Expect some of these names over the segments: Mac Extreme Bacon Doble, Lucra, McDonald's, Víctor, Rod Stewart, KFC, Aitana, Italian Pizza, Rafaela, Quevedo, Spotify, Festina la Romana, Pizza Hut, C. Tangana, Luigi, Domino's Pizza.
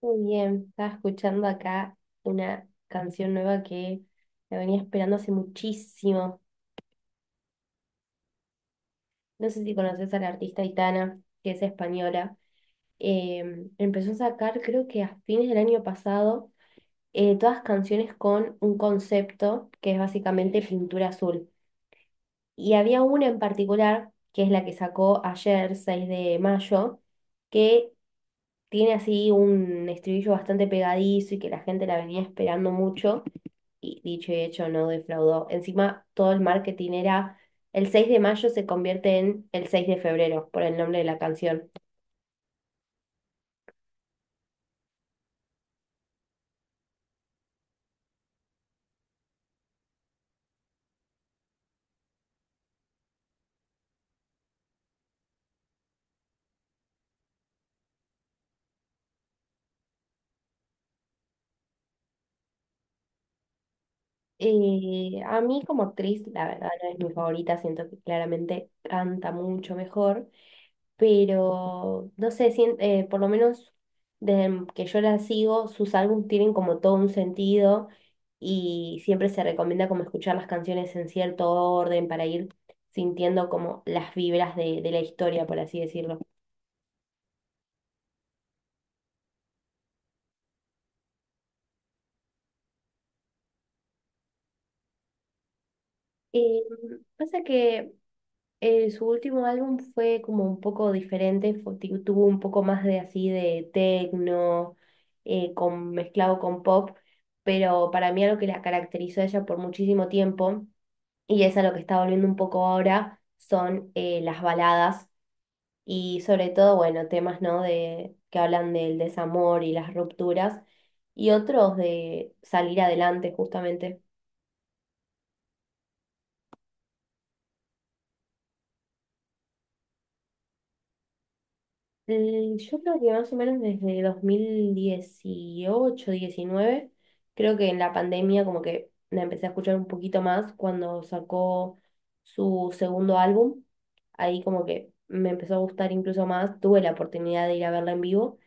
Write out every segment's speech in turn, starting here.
Muy bien, estaba escuchando acá una canción nueva que la venía esperando hace muchísimo. No sé si conoces a la artista Itana, que es española. Empezó a sacar, creo que a fines del año pasado, todas canciones con un concepto que es básicamente pintura azul. Y había una en particular, que es la que sacó ayer, 6 de mayo, que tiene así un estribillo bastante pegadizo y que la gente la venía esperando mucho y dicho y hecho no defraudó. Encima, todo el marketing era el 6 de mayo se convierte en el 6 de febrero por el nombre de la canción. Y a mí como actriz, la verdad, no es mi favorita, siento que claramente canta mucho mejor, pero no sé, por lo menos desde que yo la sigo, sus álbumes tienen como todo un sentido y siempre se recomienda como escuchar las canciones en cierto orden para ir sintiendo como las vibras de la historia, por así decirlo. Eh, Pasa que su último álbum fue como un poco diferente, tuvo un poco más de así de techno, con, mezclado con pop, pero para mí algo que la caracterizó a ella por muchísimo tiempo, y es a lo que está volviendo un poco ahora, son las baladas y sobre todo, bueno, temas, ¿no? de, que hablan del desamor y las rupturas, y otros de salir adelante justamente. Mm, yo creo que más o menos desde 2018 2019, creo que en la pandemia como que la empecé a escuchar un poquito más cuando sacó su segundo álbum. Ahí como que me empezó a gustar incluso más, tuve la oportunidad de ir a verla en vivo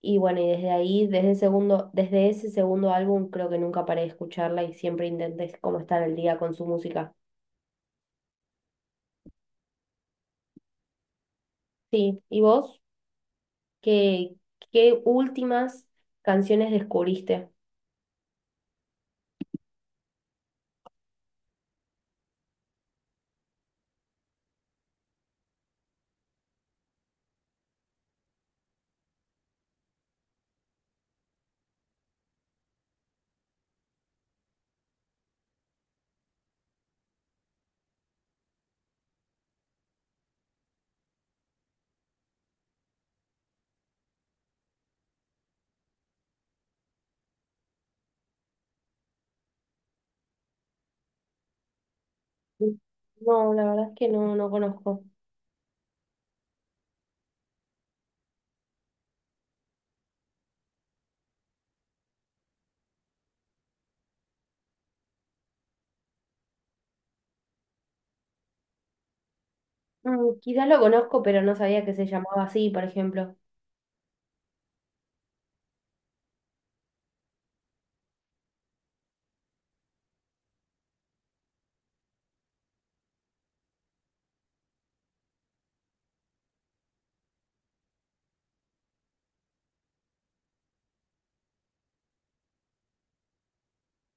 y bueno, y desde ahí, desde el segundo, desde ese segundo álbum creo que nunca paré de escucharla y siempre intenté como estar al día con su música. Sí, ¿y vos? ¿Qué, qué últimas canciones descubriste? No, la verdad es que no, no conozco. Mm, quizás lo conozco, pero no sabía que se llamaba así, por ejemplo.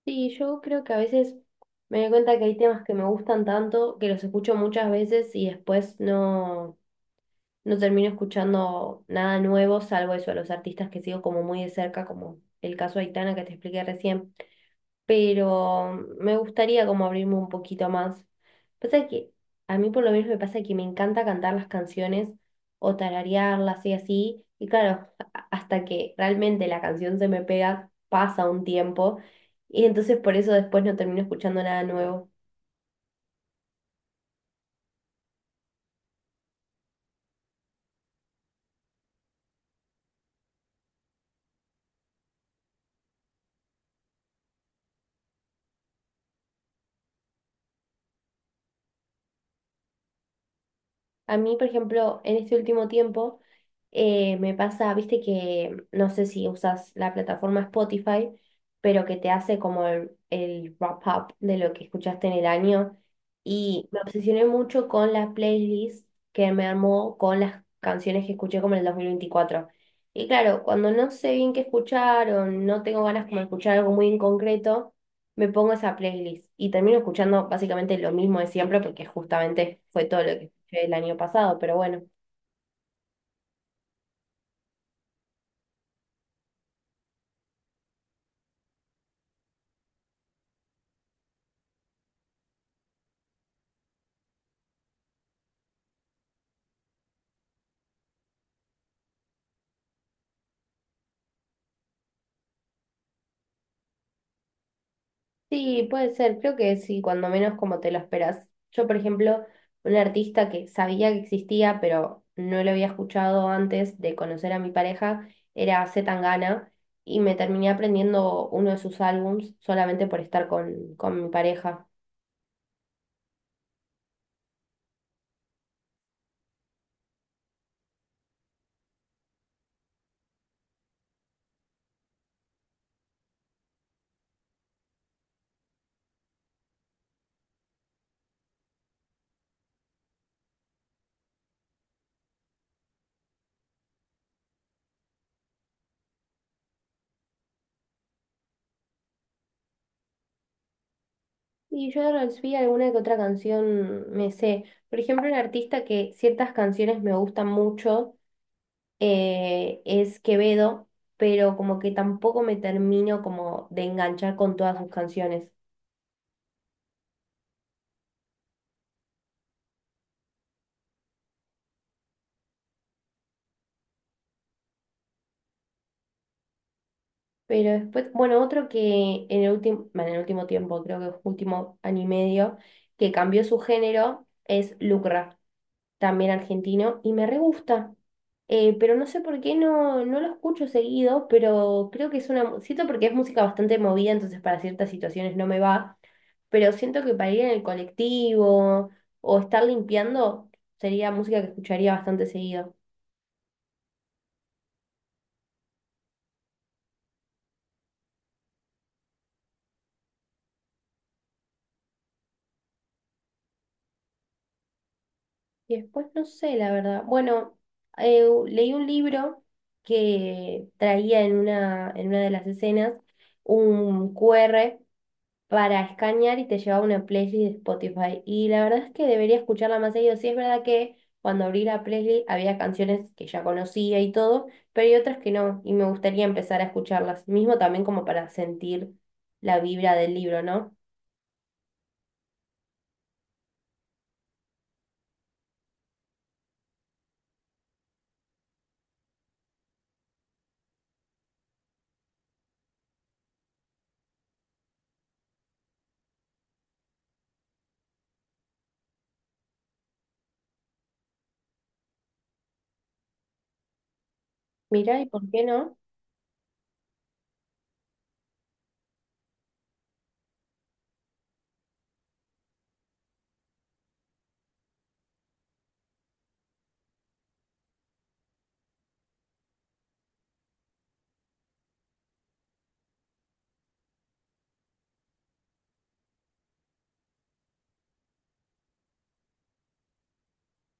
Sí, yo creo que a veces me doy cuenta que hay temas que me gustan tanto, que los escucho muchas veces y después no, no termino escuchando nada nuevo, salvo eso, a los artistas que sigo como muy de cerca, como el caso de Aitana que te expliqué recién. Pero me gustaría como abrirme un poquito más. Pasa que a mí por lo menos me pasa que me encanta cantar las canciones o tararearlas y así, y claro, hasta que realmente la canción se me pega, pasa un tiempo, y entonces por eso después no termino escuchando nada nuevo. A mí, por ejemplo, en este último tiempo me pasa, viste que no sé si usas la plataforma Spotify, pero que te hace como el wrap up de lo que escuchaste en el año. Y me obsesioné mucho con la playlist que me armó con las canciones que escuché como en el 2024. Y claro, cuando no sé bien qué escuchar o no tengo ganas como de escuchar algo muy en concreto, me pongo esa playlist y termino escuchando básicamente lo mismo de siempre porque justamente fue todo lo que el año pasado, pero bueno. Sí, puede ser, creo que sí, cuando menos como te lo esperas. Yo, por ejemplo, un artista que sabía que existía, pero no lo había escuchado antes de conocer a mi pareja, era C. Tangana, y me terminé aprendiendo uno de sus álbums solamente por estar con mi pareja. Y yo de Rod Stewart alguna que otra canción me sé. Por ejemplo, un artista que ciertas canciones me gustan mucho, es Quevedo, pero como que tampoco me termino como de enganchar con todas sus canciones. Pero después, bueno, otro que en el último, bueno, en el último tiempo, creo que último año y medio, que cambió su género es Lucra. También argentino, y me re gusta. Pero no sé por qué no, no lo escucho seguido, pero creo que es siento porque es música bastante movida, entonces para ciertas situaciones no me va, pero siento que para ir en el colectivo o estar limpiando sería música que escucharía bastante seguido. Y después no sé, la verdad. Bueno, leí un libro que traía en una de las escenas un QR para escanear y te lleva a una playlist de Spotify. Y la verdad es que debería escucharla más seguido. Sí, es verdad que cuando abrí la playlist había canciones que ya conocía y todo, pero hay otras que no, y me gustaría empezar a escucharlas, mismo también como para sentir la vibra del libro, ¿no? Mira, ¿y por qué no?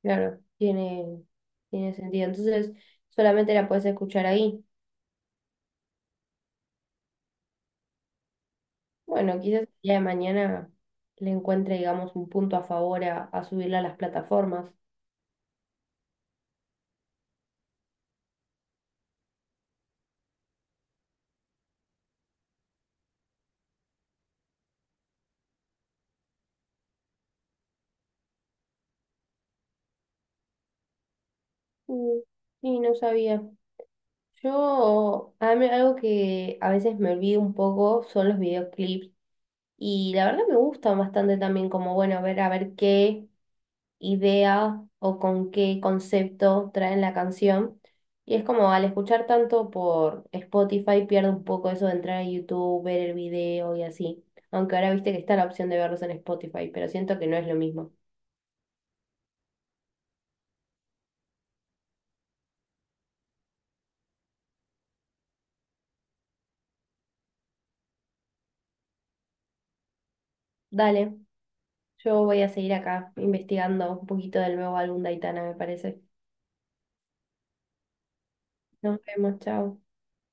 Claro, tiene, tiene sentido. Entonces, solamente la puedes escuchar ahí. Bueno, quizás el día de mañana le encuentre, digamos, un punto a favor a subirla a las plataformas. Mm, sí, no sabía. Yo, a mí algo que a veces me olvido un poco son los videoclips y la verdad me gusta bastante también como, bueno, ver a ver qué idea o con qué concepto traen la canción. Y es como al escuchar tanto por Spotify pierdo un poco eso de entrar a YouTube, ver el video y así. Aunque ahora viste que está la opción de verlos en Spotify, pero siento que no es lo mismo. Dale, yo voy a seguir acá investigando un poquito del nuevo álbum de Aitana, me parece. Nos vemos, chao.